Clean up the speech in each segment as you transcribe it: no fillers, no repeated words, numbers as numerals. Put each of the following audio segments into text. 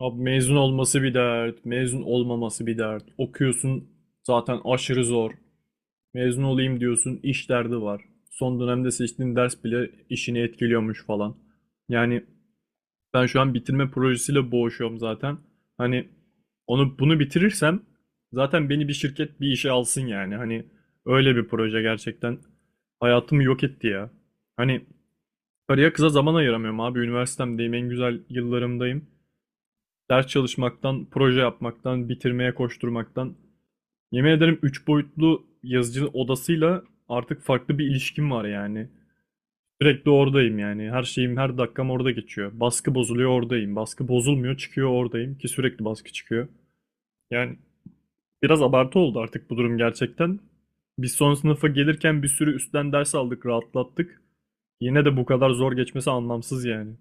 Abi mezun olması bir dert, mezun olmaması bir dert. Okuyorsun zaten aşırı zor. Mezun olayım diyorsun, iş derdi var. Son dönemde seçtiğin ders bile işini etkiliyormuş falan. Yani ben şu an bitirme projesiyle boğuşuyorum zaten. Hani onu bunu bitirirsem zaten beni bir şirket bir işe alsın yani. Hani öyle bir proje gerçekten hayatımı yok etti ya. Hani karıya kıza zaman ayıramıyorum abi. Üniversitemdeyim, en güzel yıllarımdayım ders çalışmaktan, proje yapmaktan, bitirmeye koşturmaktan. Yemin ederim 3 boyutlu yazıcı odasıyla artık farklı bir ilişkim var yani. Sürekli oradayım yani. Her şeyim, her dakikam orada geçiyor. Baskı bozuluyor oradayım. Baskı bozulmuyor çıkıyor oradayım ki sürekli baskı çıkıyor. Yani biraz abartı oldu artık bu durum gerçekten. Biz son sınıfa gelirken bir sürü üstten ders aldık, rahatlattık. Yine de bu kadar zor geçmesi anlamsız yani.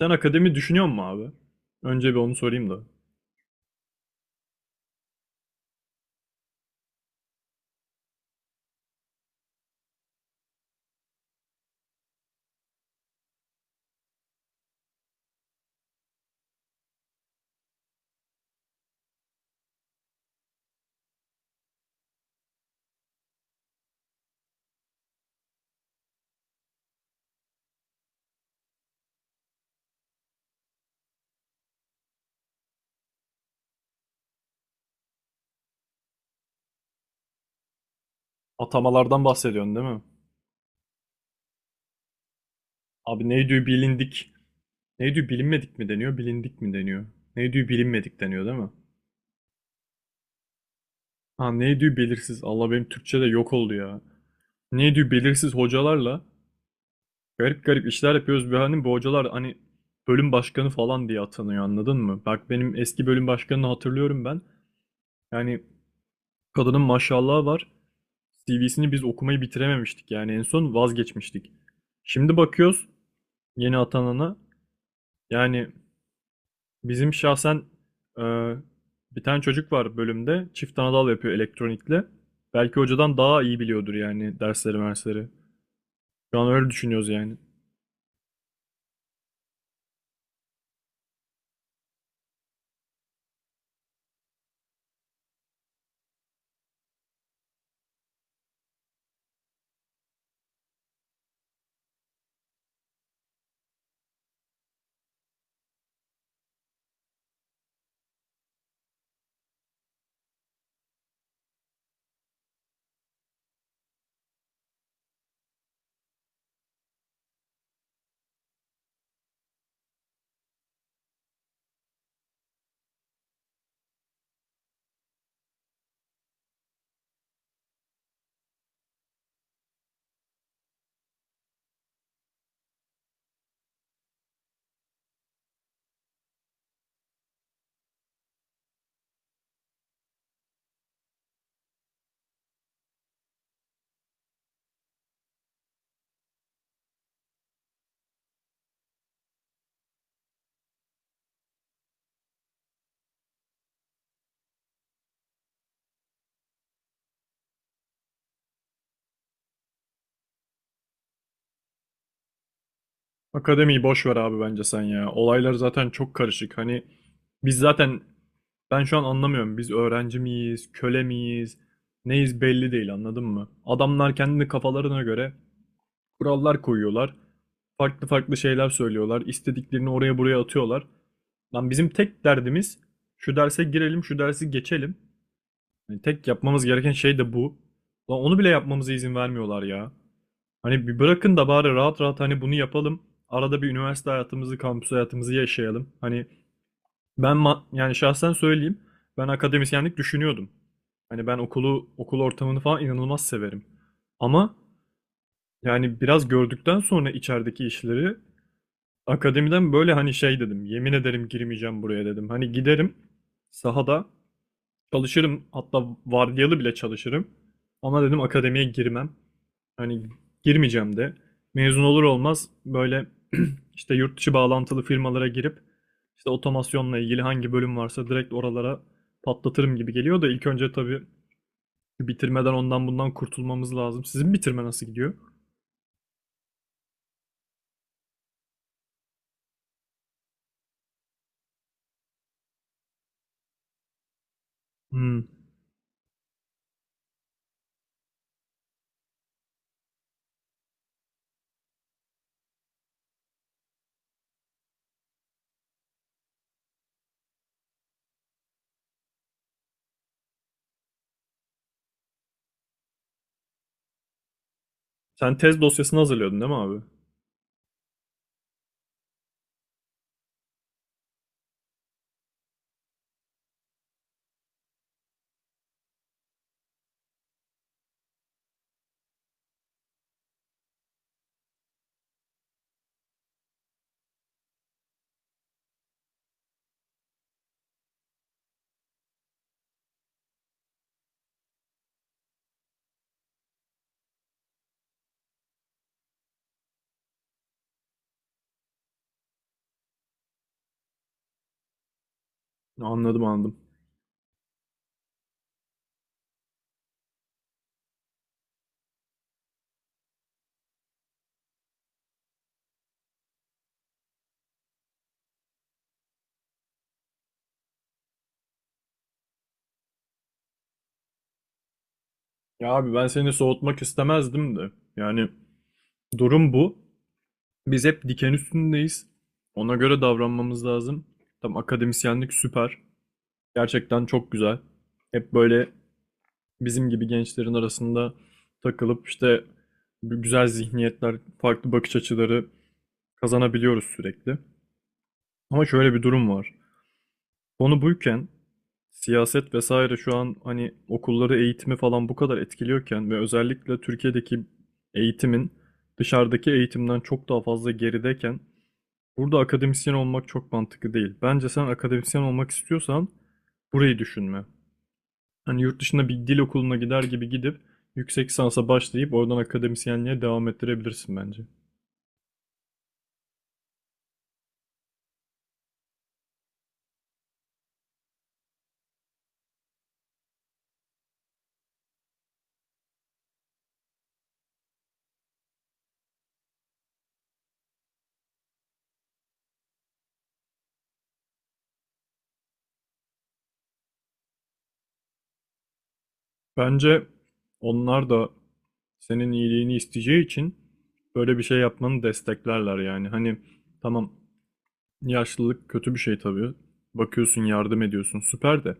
Sen akademi düşünüyor musun abi? Önce bir onu sorayım da. Atamalardan bahsediyorsun değil mi? Abi ne diyor bilindik. Ne diyor bilinmedik mi deniyor, bilindik mi deniyor? Ne diyor bilinmedik deniyor değil mi? Ha ne diyor belirsiz. Allah benim Türkçe de yok oldu ya. Ne diyor belirsiz hocalarla garip garip işler yapıyoruz. Bir hani bu hocalar hani bölüm başkanı falan diye atanıyor anladın mı? Bak benim eski bölüm başkanını hatırlıyorum ben. Yani kadının maşallahı var. CV'sini biz okumayı bitirememiştik. Yani en son vazgeçmiştik. Şimdi bakıyoruz yeni atanana. Yani bizim şahsen e, bir tane çocuk var bölümde. Çift anadal yapıyor elektronikle. Belki hocadan daha iyi biliyordur yani dersleri mersleri. Şu an öyle düşünüyoruz yani. Akademiyi boş ver abi bence sen ya. Olaylar zaten çok karışık. Hani biz zaten ben şu an anlamıyorum. Biz öğrenci miyiz, köle miyiz, neyiz belli değil anladın mı? Adamlar kendini kafalarına göre kurallar koyuyorlar. Farklı farklı şeyler söylüyorlar. İstediklerini oraya buraya atıyorlar. Lan bizim tek derdimiz şu derse girelim, şu dersi geçelim. Yani tek yapmamız gereken şey de bu. Lan onu bile yapmamıza izin vermiyorlar ya. Hani bir bırakın da bari rahat rahat hani bunu yapalım. Arada bir üniversite hayatımızı, kampüs hayatımızı yaşayalım. Hani yani şahsen söyleyeyim. Ben akademisyenlik düşünüyordum. Hani ben okulu, okul ortamını falan inanılmaz severim. Ama yani biraz gördükten sonra içerideki işleri akademiden böyle hani şey dedim. Yemin ederim girmeyeceğim buraya dedim. Hani giderim sahada çalışırım. Hatta vardiyalı bile çalışırım. Ama dedim akademiye girmem. Hani girmeyeceğim de. Mezun olur olmaz böyle işte yurt dışı bağlantılı firmalara girip işte otomasyonla ilgili hangi bölüm varsa direkt oralara patlatırım gibi geliyor da ilk önce tabii bitirmeden ondan bundan kurtulmamız lazım. Sizin bitirme nasıl gidiyor? Hmm. Sen tez dosyasını hazırlıyordun değil mi abi? Anladım, anladım. Ya abi ben seni soğutmak istemezdim de. Yani durum bu. Biz hep diken üstündeyiz. Ona göre davranmamız lazım. Tam akademisyenlik süper. Gerçekten çok güzel. Hep böyle bizim gibi gençlerin arasında takılıp işte bu güzel zihniyetler, farklı bakış açıları kazanabiliyoruz sürekli. Ama şöyle bir durum var. Onu buyken siyaset vesaire şu an hani okulları eğitimi falan bu kadar etkiliyorken ve özellikle Türkiye'deki eğitimin dışarıdaki eğitimden çok daha fazla gerideyken burada akademisyen olmak çok mantıklı değil. Bence sen akademisyen olmak istiyorsan burayı düşünme. Hani yurt dışında bir dil okuluna gider gibi gidip yüksek lisansa başlayıp oradan akademisyenliğe devam ettirebilirsin bence. Bence onlar da senin iyiliğini isteyeceği için böyle bir şey yapmanı desteklerler yani. Hani tamam yaşlılık kötü bir şey tabii. Bakıyorsun, yardım ediyorsun, süper de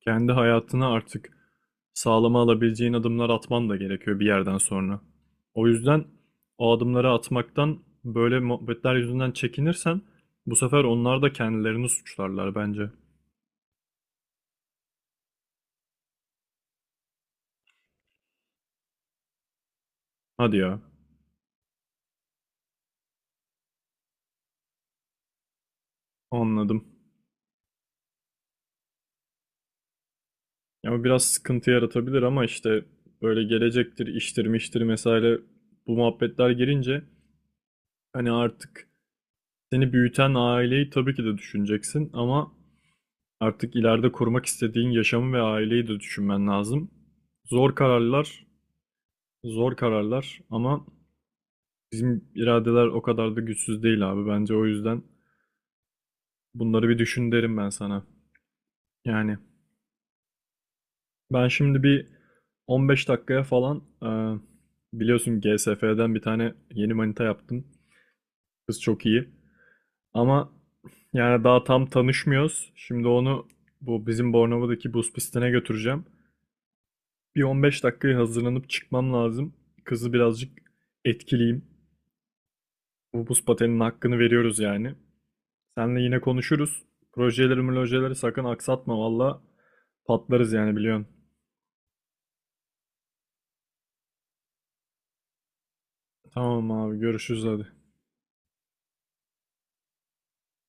kendi hayatını artık sağlama alabileceğin adımlar atman da gerekiyor bir yerden sonra. O yüzden o adımları atmaktan böyle muhabbetler yüzünden çekinirsen bu sefer onlar da kendilerini suçlarlar bence. Hadi ya, anladım. Ya o biraz sıkıntı yaratabilir ama işte böyle gelecektir, iştir, miştir mesela bu muhabbetler girince hani artık seni büyüten aileyi tabii ki de düşüneceksin ama artık ileride kurmak istediğin yaşamı ve aileyi de düşünmen lazım. Zor kararlar, zor kararlar ama bizim iradeler o kadar da güçsüz değil abi. Bence o yüzden bunları bir düşün derim ben sana. Yani ben şimdi bir 15 dakikaya falan biliyorsun GSF'den bir tane yeni manita yaptım. Kız çok iyi. Ama yani daha tam tanışmıyoruz. Şimdi onu bu bizim Bornova'daki buz pistine götüreceğim. Bir 15 dakikaya hazırlanıp çıkmam lazım. Kızı birazcık etkileyim. Bu buz pateninin hakkını veriyoruz yani. Seninle yine konuşuruz. Projeleri sakın aksatma valla. Patlarız yani biliyorsun. Tamam abi görüşürüz hadi.